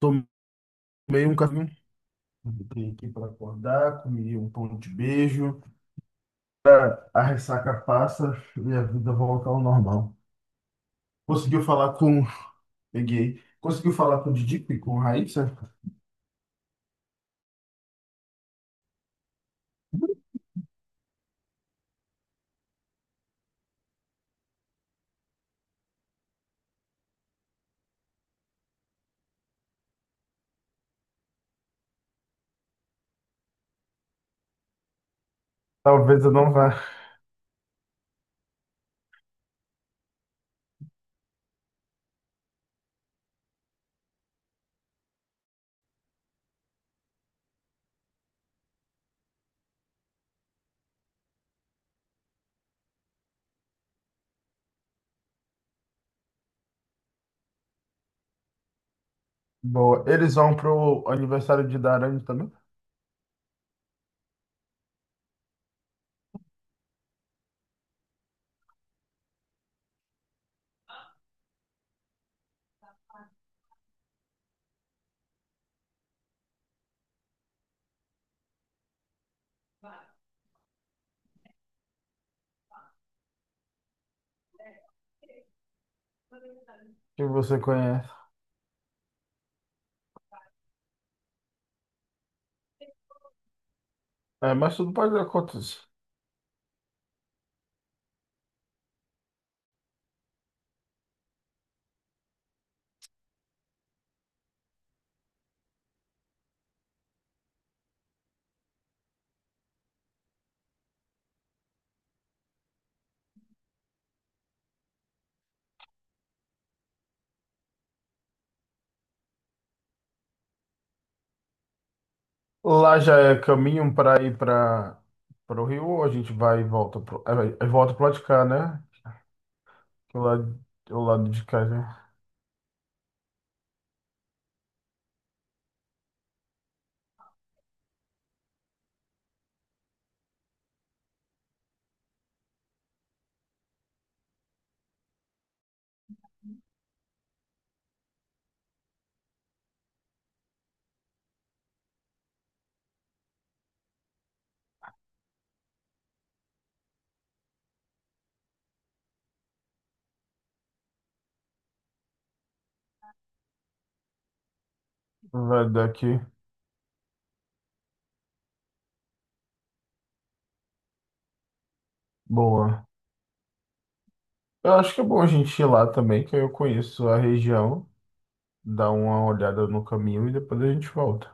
Tomei um café, entrei aqui para acordar, comi um pão de beijo, a ressaca passa e a vida volta ao normal. Conseguiu falar com... Peguei. Conseguiu falar com o Didico e com a Raíssa? Talvez eu não vá. Boa. Eles vão pro aniversário de Darane também, que você conhece. É, mas tudo pode acontecer. Lá já é caminho para ir para o Rio, ou a gente vai e volta pro... É, é, volta pro lado de cá, né? Que lado o lado de cá, né? Vai daqui. Boa. Eu acho que é bom a gente ir lá também, que aí eu conheço a região, dar uma olhada no caminho e depois a gente volta.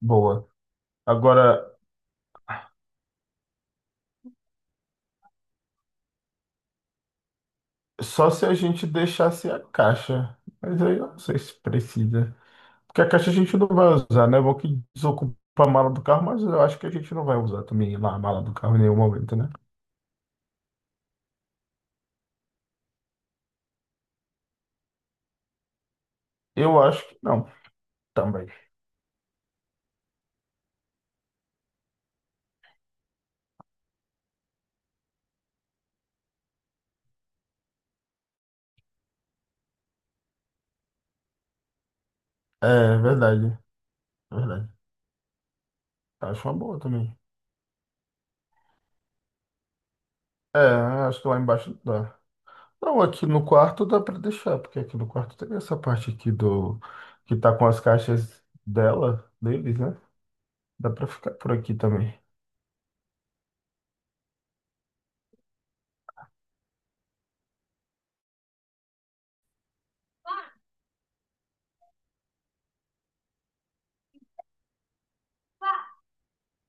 Boa. Agora, só se a gente deixasse a caixa, mas aí eu não sei se precisa. Porque a caixa a gente não vai usar, né? Bom que desocupa a mala do carro, mas eu acho que a gente não vai usar também lá a mala do carro em nenhum momento, né? Eu acho que não, também. É verdade, é verdade. Acho uma boa também. É, acho que lá embaixo dá. Não, aqui no quarto dá para deixar, porque aqui no quarto tem essa parte aqui do que tá com as caixas dela, deles, né? Dá para ficar por aqui também.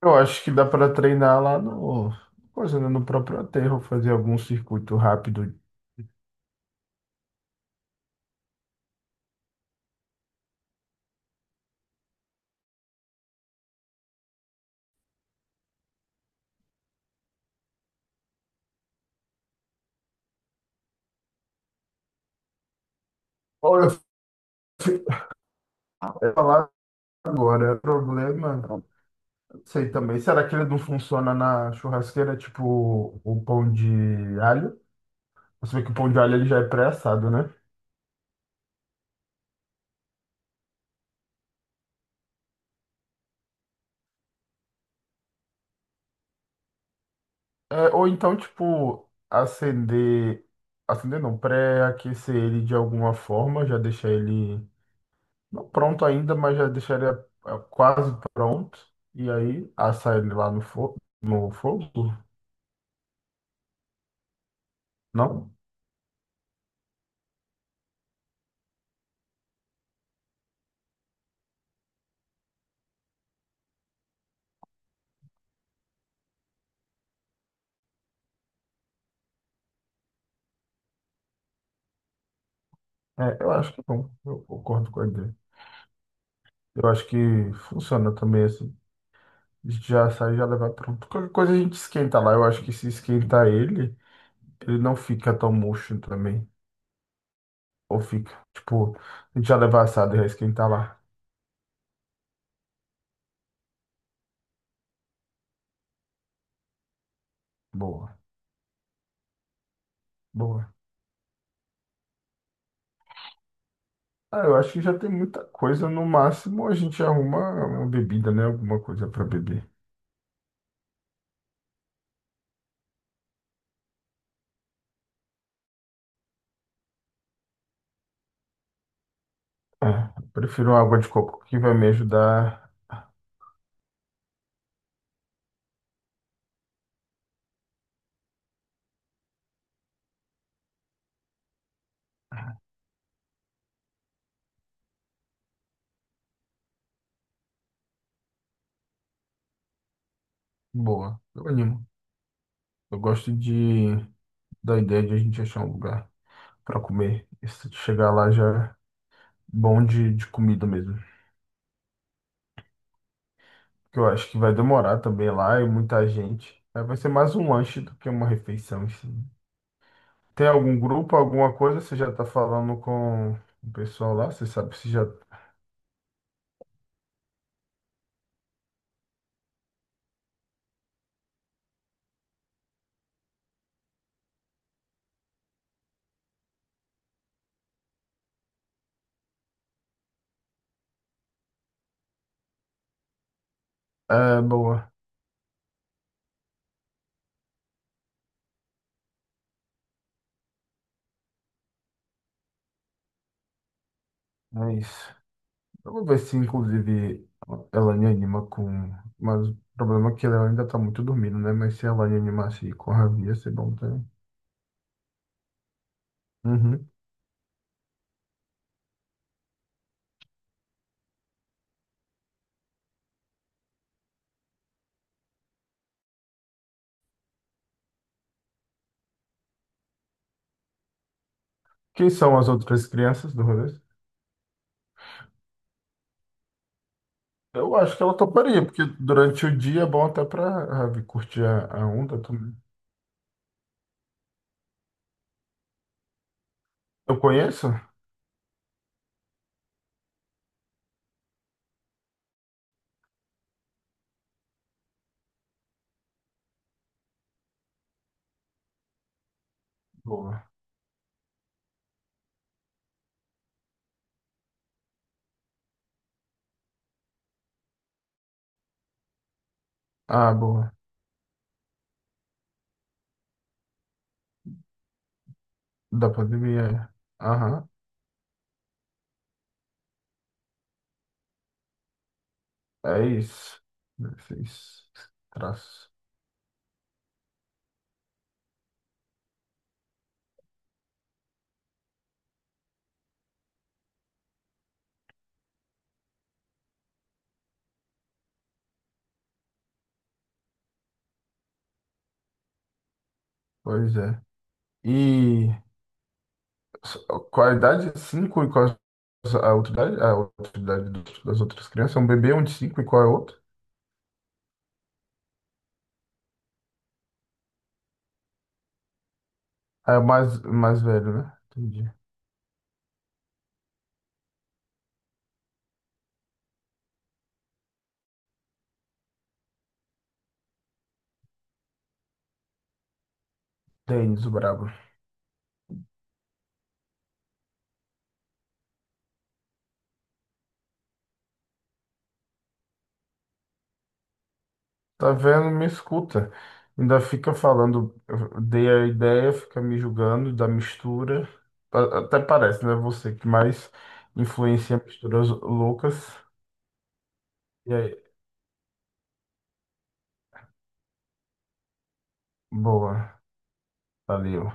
Eu acho que dá para treinar lá no coisa, né, no próprio aterro, fazer algum circuito rápido. Olha, eu fui falar agora, o problema, não sei também. Será que ele não funciona na churrasqueira, tipo o pão de alho? Você vê que o pão de alho ele já é pré-assado, né? É, ou então, tipo, acender. Acender não, pré-aquecer ele de alguma forma, já deixar ele. Não pronto ainda, mas já deixar ele quase pronto. E aí assar ele lá no, fo no fogo? Não? É, eu acho que não. Eu concordo com a ideia. Eu acho que funciona também assim. Já sai, já levar pronto. Qualquer coisa a gente esquenta lá. Eu acho que se esquentar ele, ele não fica tão murcho também. Ou fica, tipo, a gente já levar assado e já esquentar lá. Boa. Boa. Ah, eu acho que já tem muita coisa. No máximo, a gente arruma uma bebida, né? Alguma coisa para beber. É, eu prefiro uma água de coco que vai me ajudar. Boa. Eu animo. Eu gosto de da ideia de a gente achar um lugar para comer. E se chegar lá já é bom de comida mesmo. Que eu acho que vai demorar também lá e muita gente. Aí vai ser mais um lanche do que uma refeição, assim. Tem algum grupo, alguma coisa? Você já tá falando com o pessoal lá? Você sabe se já. É, boa. É isso. Vamos ver se, inclusive, ela me anima com. Mas o problema é que ela ainda tá muito dormindo, né? Mas se ela me animasse com a Ravi, ia ser bom também. Uhum. Quem são as outras crianças do rolê? Eu acho que ela toparia, porque durante o dia é bom até pra Ravi curtir a onda também. Eu conheço? Boa. Ah, boa. Da pandemia. É. Aham. É isso. Esses traços. Pois é. E s- qual a idade? Cinco e qual a outra idade, das outras crianças? É um bebê, um de cinco e qual é o outro? Ah, é o mais, velho, né? Entendi. Denis, o brabo. Tá vendo? Me escuta. Ainda fica falando, eu dei a ideia, fica me julgando da mistura. Até parece, né? Você que mais influencia misturas loucas. E aí, boa. Valeu.